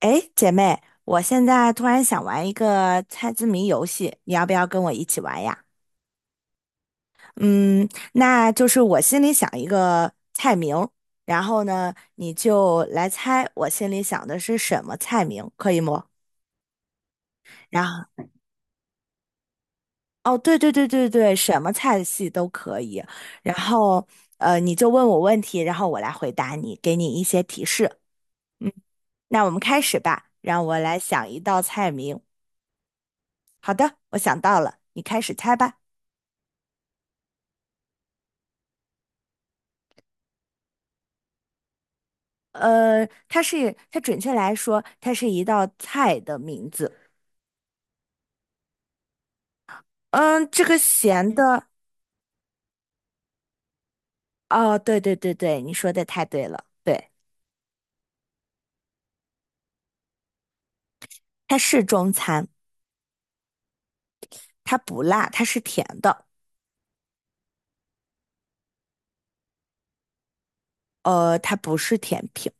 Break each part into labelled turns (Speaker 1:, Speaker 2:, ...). Speaker 1: 诶，姐妹，我现在突然想玩一个猜字谜游戏，你要不要跟我一起玩呀？嗯，那就是我心里想一个菜名，然后呢，你就来猜我心里想的是什么菜名，可以吗？然后，哦，对，什么菜系都可以。然后，你就问我问题，然后我来回答你，给你一些提示。嗯，那我们开始吧，让我来想一道菜名。好的，我想到了，你开始猜吧。它准确来说，它是一道菜的名字。嗯，这个咸的，哦，对，你说的太对了，对，它是中餐，它不辣，它是甜的，它不是甜品，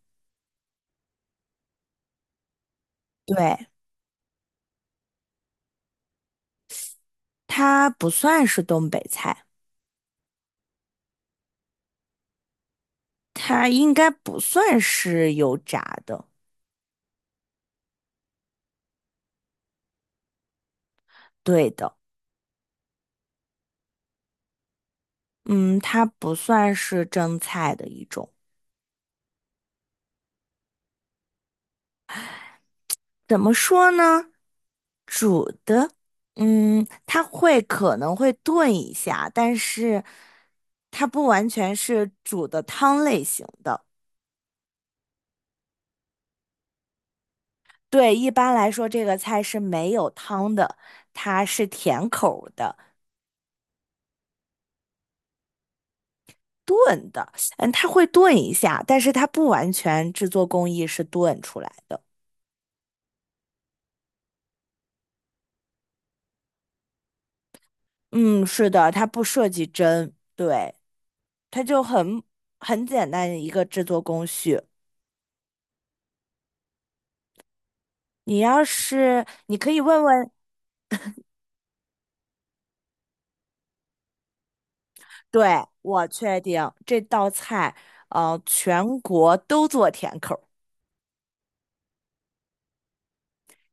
Speaker 1: 对，它不算是东北菜，它应该不算是油炸的，对的。嗯，它不算是蒸菜的一种。怎么说呢？煮的，嗯，它会可能会炖一下，但是它不完全是煮的汤类型的。对，一般来说这个菜是没有汤的，它是甜口儿的。嗯，它会炖一下，但是它不完全制作工艺是炖出来的。嗯，是的，它不涉及蒸，对，它就很简单的一个制作工序。你要是你可以问问。对，我确定这道菜，全国都做甜口儿。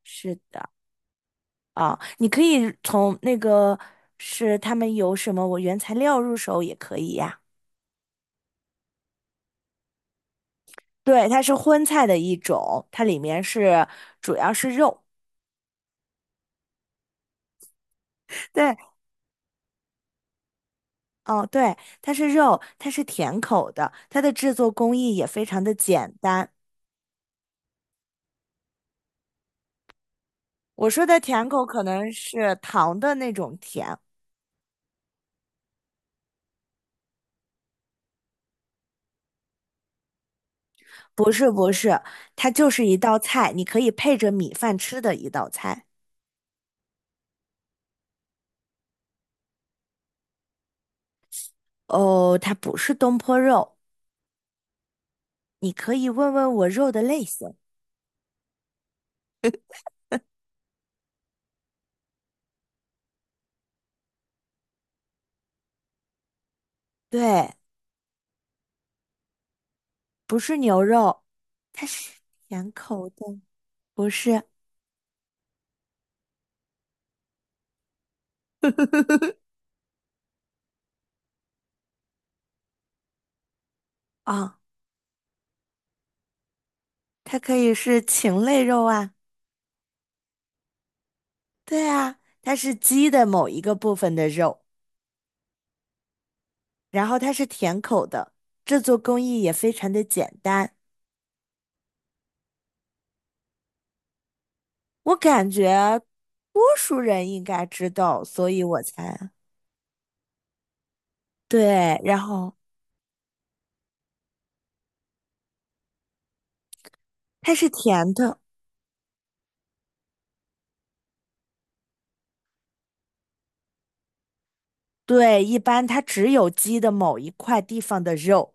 Speaker 1: 是的。啊，你可以从那个是他们有什么我原材料入手也可以呀。对，它是荤菜的一种，它里面是主要是肉。对，哦，对，它是肉，它是甜口的，它的制作工艺也非常的简单。我说的甜口可能是糖的那种甜，不是，它就是一道菜，你可以配着米饭吃的一道菜。哦，它不是东坡肉，你可以问问我肉的类型。对，不是牛肉，它是甜口的，不是。啊，它可以是禽类肉啊。对啊，它是鸡的某一个部分的肉，然后它是甜口的，制作工艺也非常的简单。我感觉多数人应该知道，所以我才。对，然后它是甜的。对，一般它只有鸡的某一块地方的肉。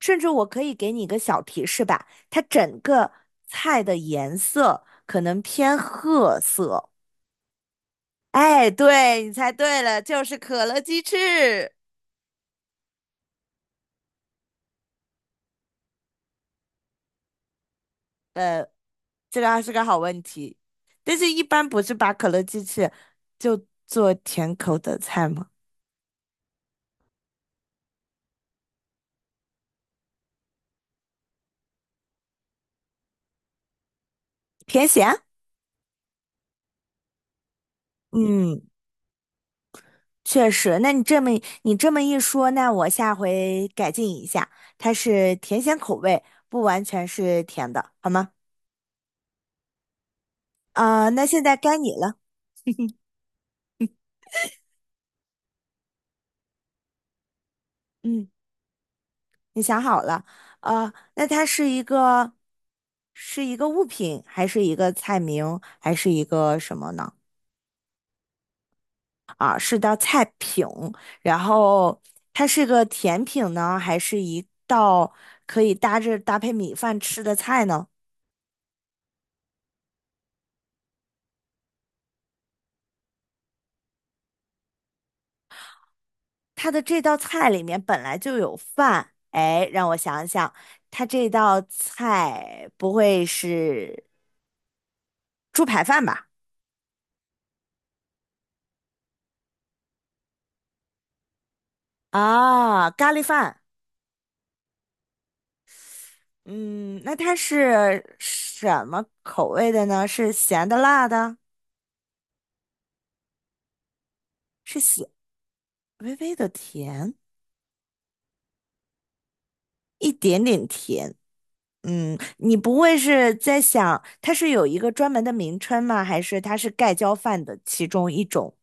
Speaker 1: 甚至我可以给你一个小提示吧，它整个菜的颜色可能偏褐色。哎，对，你猜对了，就是可乐鸡翅。这个还是个好问题，但是一般不是把可乐鸡翅就做甜口的菜吗？甜咸？嗯。确实，那你这么一说，那我下回改进一下，它是甜咸口味，不完全是甜的，好吗？啊、那现在该你了。嗯，你想好了，啊，那它是一个物品，还是一个菜名，还是一个什么呢？啊，是道菜品，然后它是个甜品呢，还是一道可以搭配米饭吃的菜呢？它的这道菜里面本来就有饭，哎，让我想想，它这道菜不会是猪排饭吧？啊，咖喱饭。嗯，那它是什么口味的呢？是咸的、辣的，是咸，微微的甜，一点点甜。嗯，你不会是在想它是有一个专门的名称吗？还是它是盖浇饭的其中一种？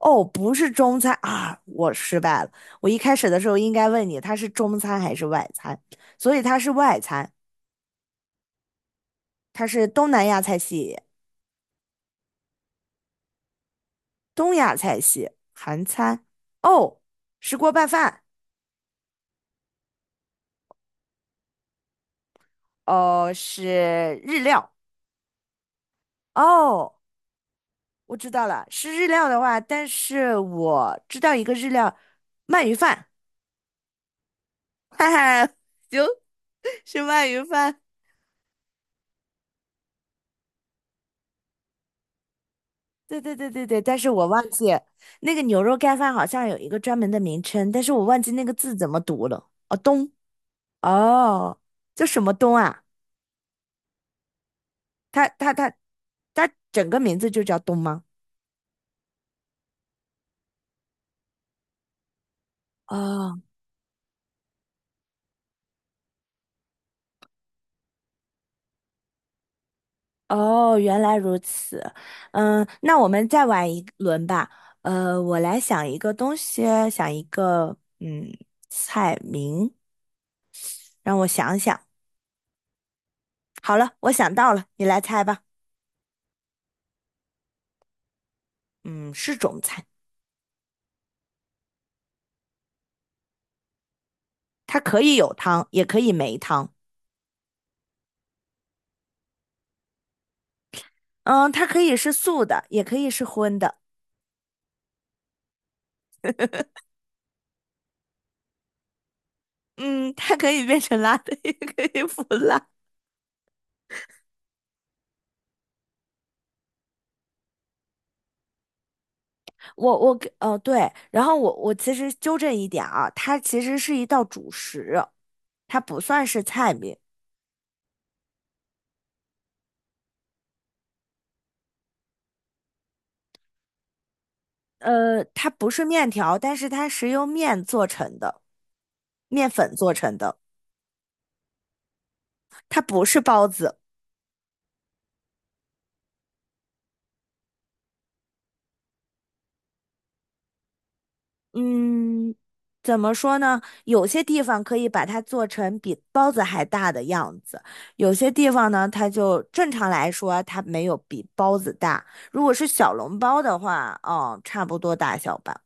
Speaker 1: 哦，不是中餐啊，我失败了。我一开始的时候应该问你，它是中餐还是外餐？所以它是外餐，它是东南亚菜系、东亚菜系、韩餐。哦，石锅拌饭。哦，是日料。哦，我知道了，是日料的话，但是我知道一个日料，鳗鱼饭。哈哈，行，是鳗鱼饭。对，但是我忘记那个牛肉盖饭好像有一个专门的名称，但是我忘记那个字怎么读了。哦，东，哦，叫什么东啊？它它它它整个名字就叫东吗？哦哦，原来如此。嗯，那我们再玩一轮吧。呃，我来想一个东西，想一个嗯菜名，让我想想。好了，我想到了，你来猜吧。嗯，是中菜，它可以有汤，也可以没汤。嗯，它可以是素的，也可以是荤的。嗯，它可以变成辣的，也可以不辣。我我给呃对，然后我其实纠正一点啊，它其实是一道主食，它不算是菜名。它不是面条，但是它是由面做成的，面粉做成的，它不是包子。嗯，怎么说呢？有些地方可以把它做成比包子还大的样子，有些地方呢，它就正常来说它没有比包子大。如果是小笼包的话，嗯，差不多大小吧。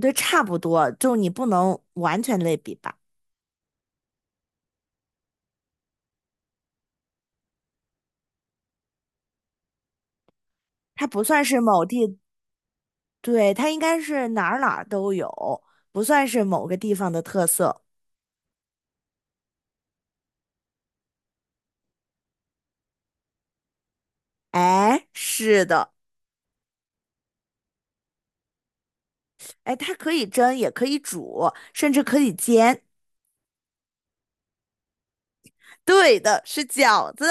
Speaker 1: 对，差不多，就你不能完全类比吧。它不算是某地，对，它应该是哪儿哪儿都有，不算是某个地方的特色。哎，是的。哎，它可以蒸，也可以煮，甚至可以煎。对的，是饺子。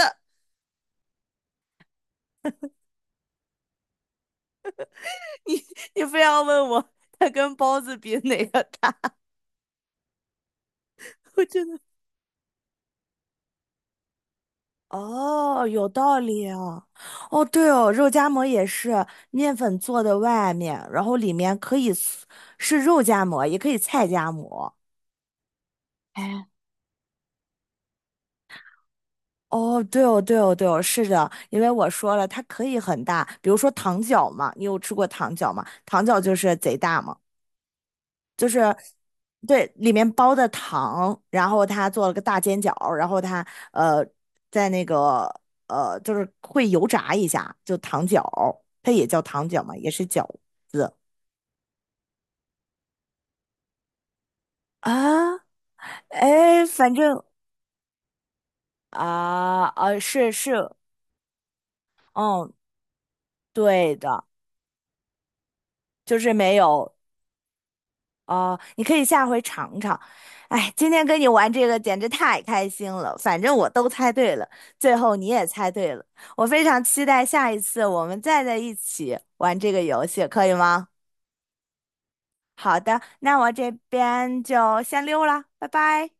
Speaker 1: 你你非要问我它跟包子比哪个大，我真的。哦，有道理哦。哦，对哦，肉夹馍也是面粉做的外面，然后里面可以是是肉夹馍，也可以菜夹馍。哎，哦，对哦，是的，因为我说了，它可以很大，比如说糖饺嘛，你有吃过糖饺吗？糖饺就是贼大嘛。就是对里面包的糖，然后他做了个大煎饺，然后他呃在那个就是会油炸一下，就糖饺，它也叫糖饺嘛，也是饺啊，哎，反正啊是是，嗯，对的，就是没有。哦，你可以下回尝尝。哎，今天跟你玩这个简直太开心了，反正我都猜对了，最后你也猜对了。我非常期待下一次我们再在一起玩这个游戏，可以吗？好的，那我这边就先溜了，拜拜。